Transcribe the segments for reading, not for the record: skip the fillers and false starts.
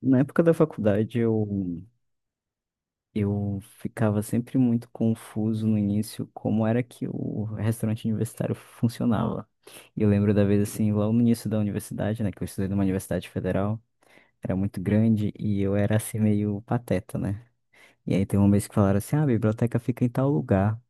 Na época da faculdade, eu ficava sempre muito confuso no início como era que o restaurante universitário funcionava. E eu lembro da vez, assim, lá no início da universidade, né, que eu estudei numa universidade federal, era muito grande e eu era, assim, meio pateta, né? E aí tem um mês que falaram assim, ah, a biblioteca fica em tal lugar.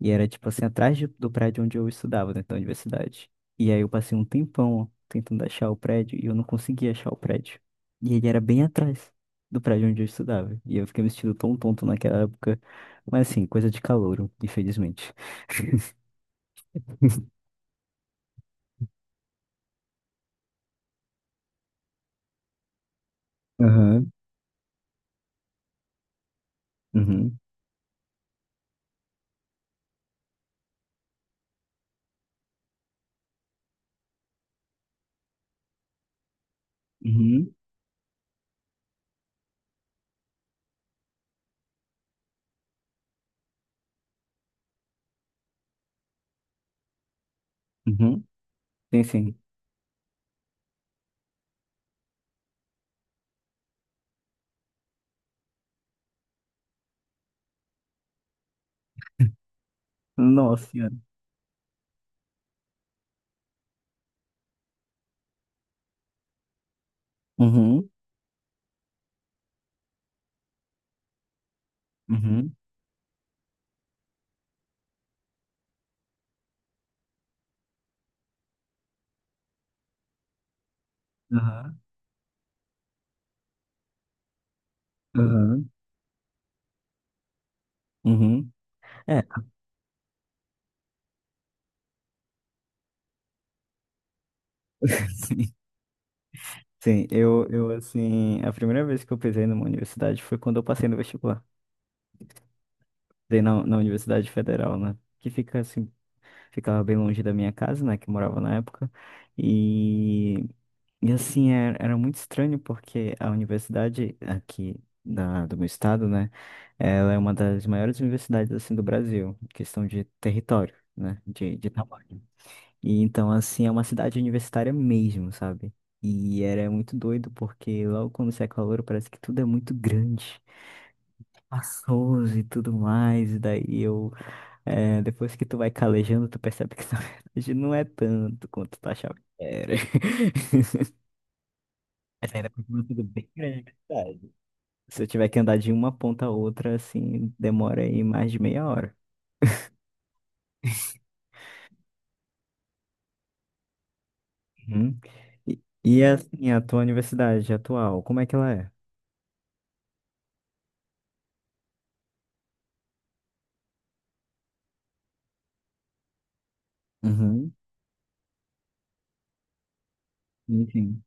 E era, tipo assim, atrás do prédio onde eu estudava, dentro da universidade. E aí eu passei um tempão tentando achar o prédio e eu não conseguia achar o prédio. E ele era bem atrás do prédio onde eu estudava. E eu fiquei me sentindo tão tonto naquela época. Mas assim, coisa de calouro, infelizmente. Aham. Uhum, uhum, uhum. Sim, sim. Nossa senhora. Uhum, uhum, aham, aham, uhum. É, sim. Sim, eu assim, a primeira vez que eu pisei numa universidade foi quando eu passei no vestibular. Dei na Universidade Federal, né? Que fica assim, ficava bem longe da minha casa, né? Que eu morava na época. E, e assim, era muito estranho porque a universidade aqui do meu estado, né? Ela é uma das maiores universidades assim do Brasil, em questão de território, né? De tamanho. E então, assim, é uma cidade universitária mesmo, sabe? E era muito doido porque logo quando você é calor parece que tudo é muito grande espaçoso e tudo mais. E daí eu depois que tu vai calejando, tu percebe que na verdade não é tanto quanto tu achava que era. Mas ainda continua tudo bem grande, é verdade. Se eu tiver que andar de uma ponta a outra, assim, demora aí mais de meia hora. Uhum. E assim, a tua universidade atual, como é que ela é? Uhum. Sim, sim.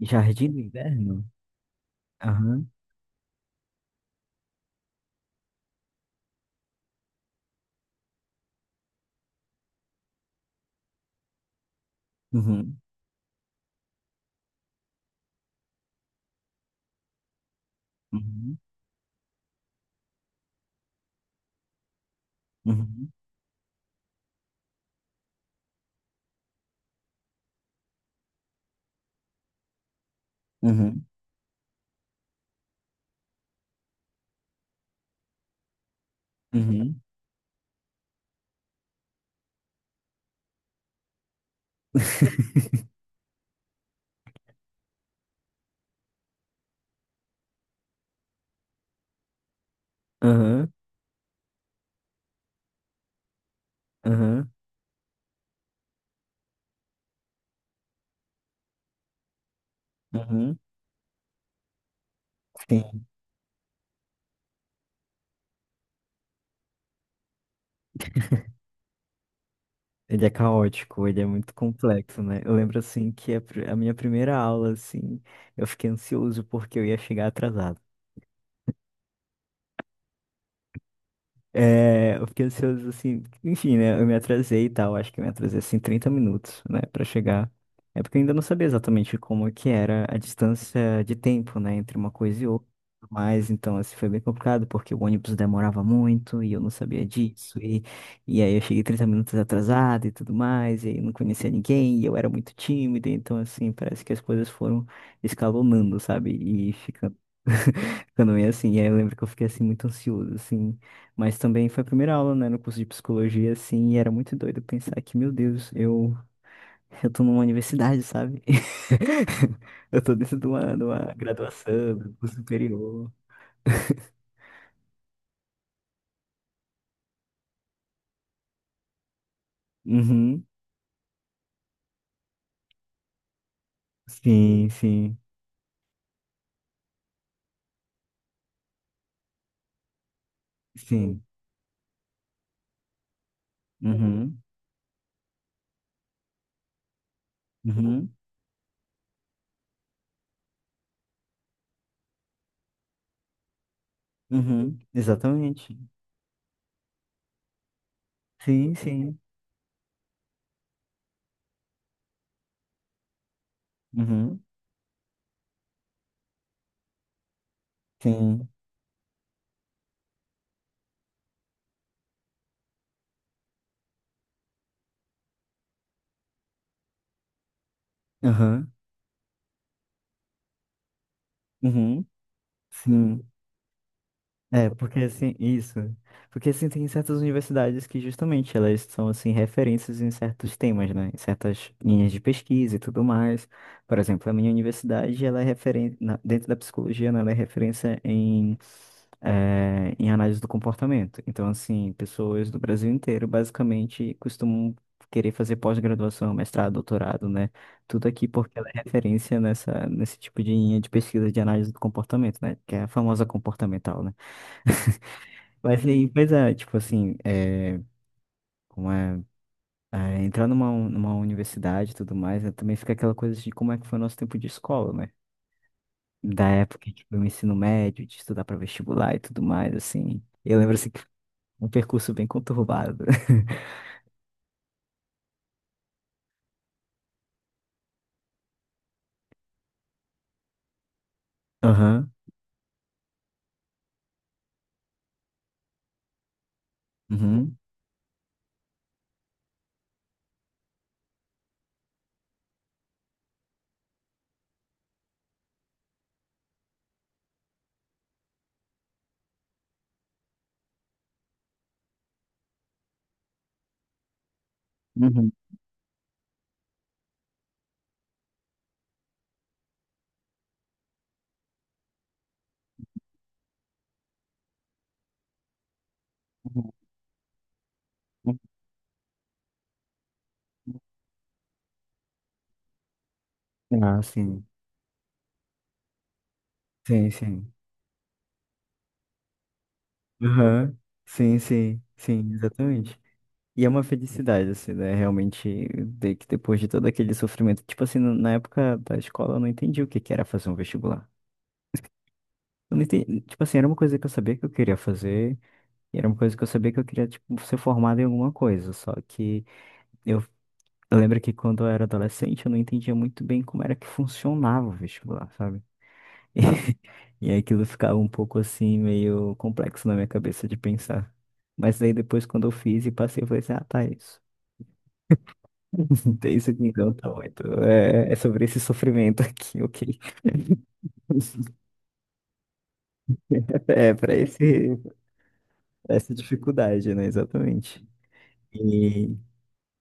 Jardim do Inverno? Aham. Uhum. Uhum. Uhum. Uhum. Uhum. Uhum. Aham. Aham. Uhum. Sim. Ele é caótico, ele é muito complexo, né? Eu lembro assim que a minha primeira aula, assim, eu fiquei ansioso porque eu ia chegar atrasado. É, eu fiquei ansioso, assim, enfim, né? Eu me atrasei e tal, acho que eu me atrasei, assim, 30 minutos, né, pra chegar. É porque eu ainda não sabia exatamente como é que era a distância de tempo, né, entre uma coisa e outra. Mas, então, assim, foi bem complicado, porque o ônibus demorava muito e eu não sabia disso. E aí eu cheguei 30 minutos atrasado e tudo mais, e aí eu não conhecia ninguém, e eu era muito tímido. Então, assim, parece que as coisas foram escalonando, sabe? E ficando. Ficando meio assim, e aí eu lembro que eu fiquei assim muito ansioso, assim, mas também foi a primeira aula, né, no curso de psicologia, assim, e era muito doido pensar que, meu Deus, eu, tô numa universidade, sabe? Eu tô dentro de uma graduação, do curso superior. Uhum. Sim, sim, sim. Uhum. Uhum. Uhum. Exatamente. Sim, sim. Uhum. Sim. Aham. Uhum. Sim. É, porque assim, isso. Porque assim, tem certas universidades que justamente elas são assim referências em certos temas, né? Em certas linhas de pesquisa e tudo mais. Por exemplo, a minha universidade, ela é referência dentro da psicologia, né? Ela é referência em em análise do comportamento. Então, assim, pessoas do Brasil inteiro basicamente costumam querer fazer pós-graduação, mestrado, doutorado, né? Tudo aqui porque ela é referência nesse tipo de linha de pesquisa de análise do comportamento, né? Que é a famosa comportamental, né? Mas aí, pois é, tipo assim, é, como é, entrar numa universidade e tudo mais, né, também fica aquela coisa de como é que foi o nosso tempo de escola, né? Da época, tipo, do ensino médio, de estudar para vestibular e tudo mais, assim. Eu lembro, assim, que foi um percurso bem conturbado. Aham, uhum, uhum, uhum, uhum. Ah, sim, sim, sim. Aham, sim, sim, sim, exatamente. E é uma felicidade, assim, né? Realmente, de que depois de todo aquele sofrimento. Tipo assim, na época da escola eu não entendi o que que era fazer um vestibular. Eu não entendi, tipo assim, era uma coisa que eu sabia que eu queria fazer, e era uma coisa que eu sabia que eu queria, tipo, ser formado em alguma coisa. Só que eu, eu lembro que quando eu era adolescente eu não entendia muito bem como era que funcionava o vestibular, sabe? E, e aí aquilo ficava um pouco assim, meio complexo na minha cabeça de pensar. Mas daí depois, quando eu fiz e passei, eu falei assim, ah, tá, é isso. Tem isso aqui então, tá bom. Então, é, é sobre esse sofrimento aqui, ok? É, para esse, essa dificuldade, né? Exatamente. E,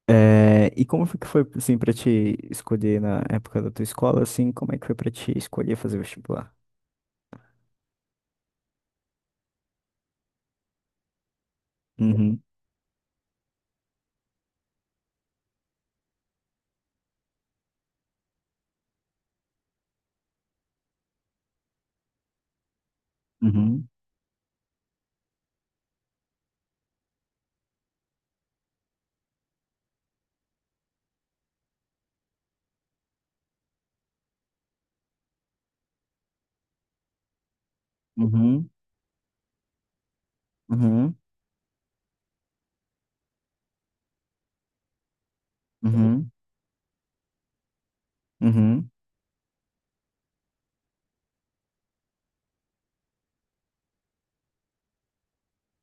é, e como foi que foi, assim, pra te escolher na época da tua escola, assim, como é que foi pra te escolher fazer vestibular? Uhum, uhum, uhum, uhum, uhum, uhum,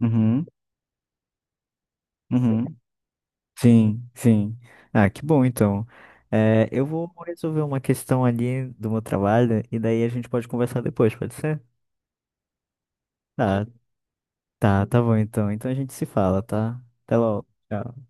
uhum, uhum, uhum. Sim, sim. Ah, que bom então. É, eu vou resolver uma questão ali do meu trabalho e daí a gente pode conversar depois, pode ser? Tá, tá, tá bom então. Então a gente se fala, tá? Até logo. Tchau.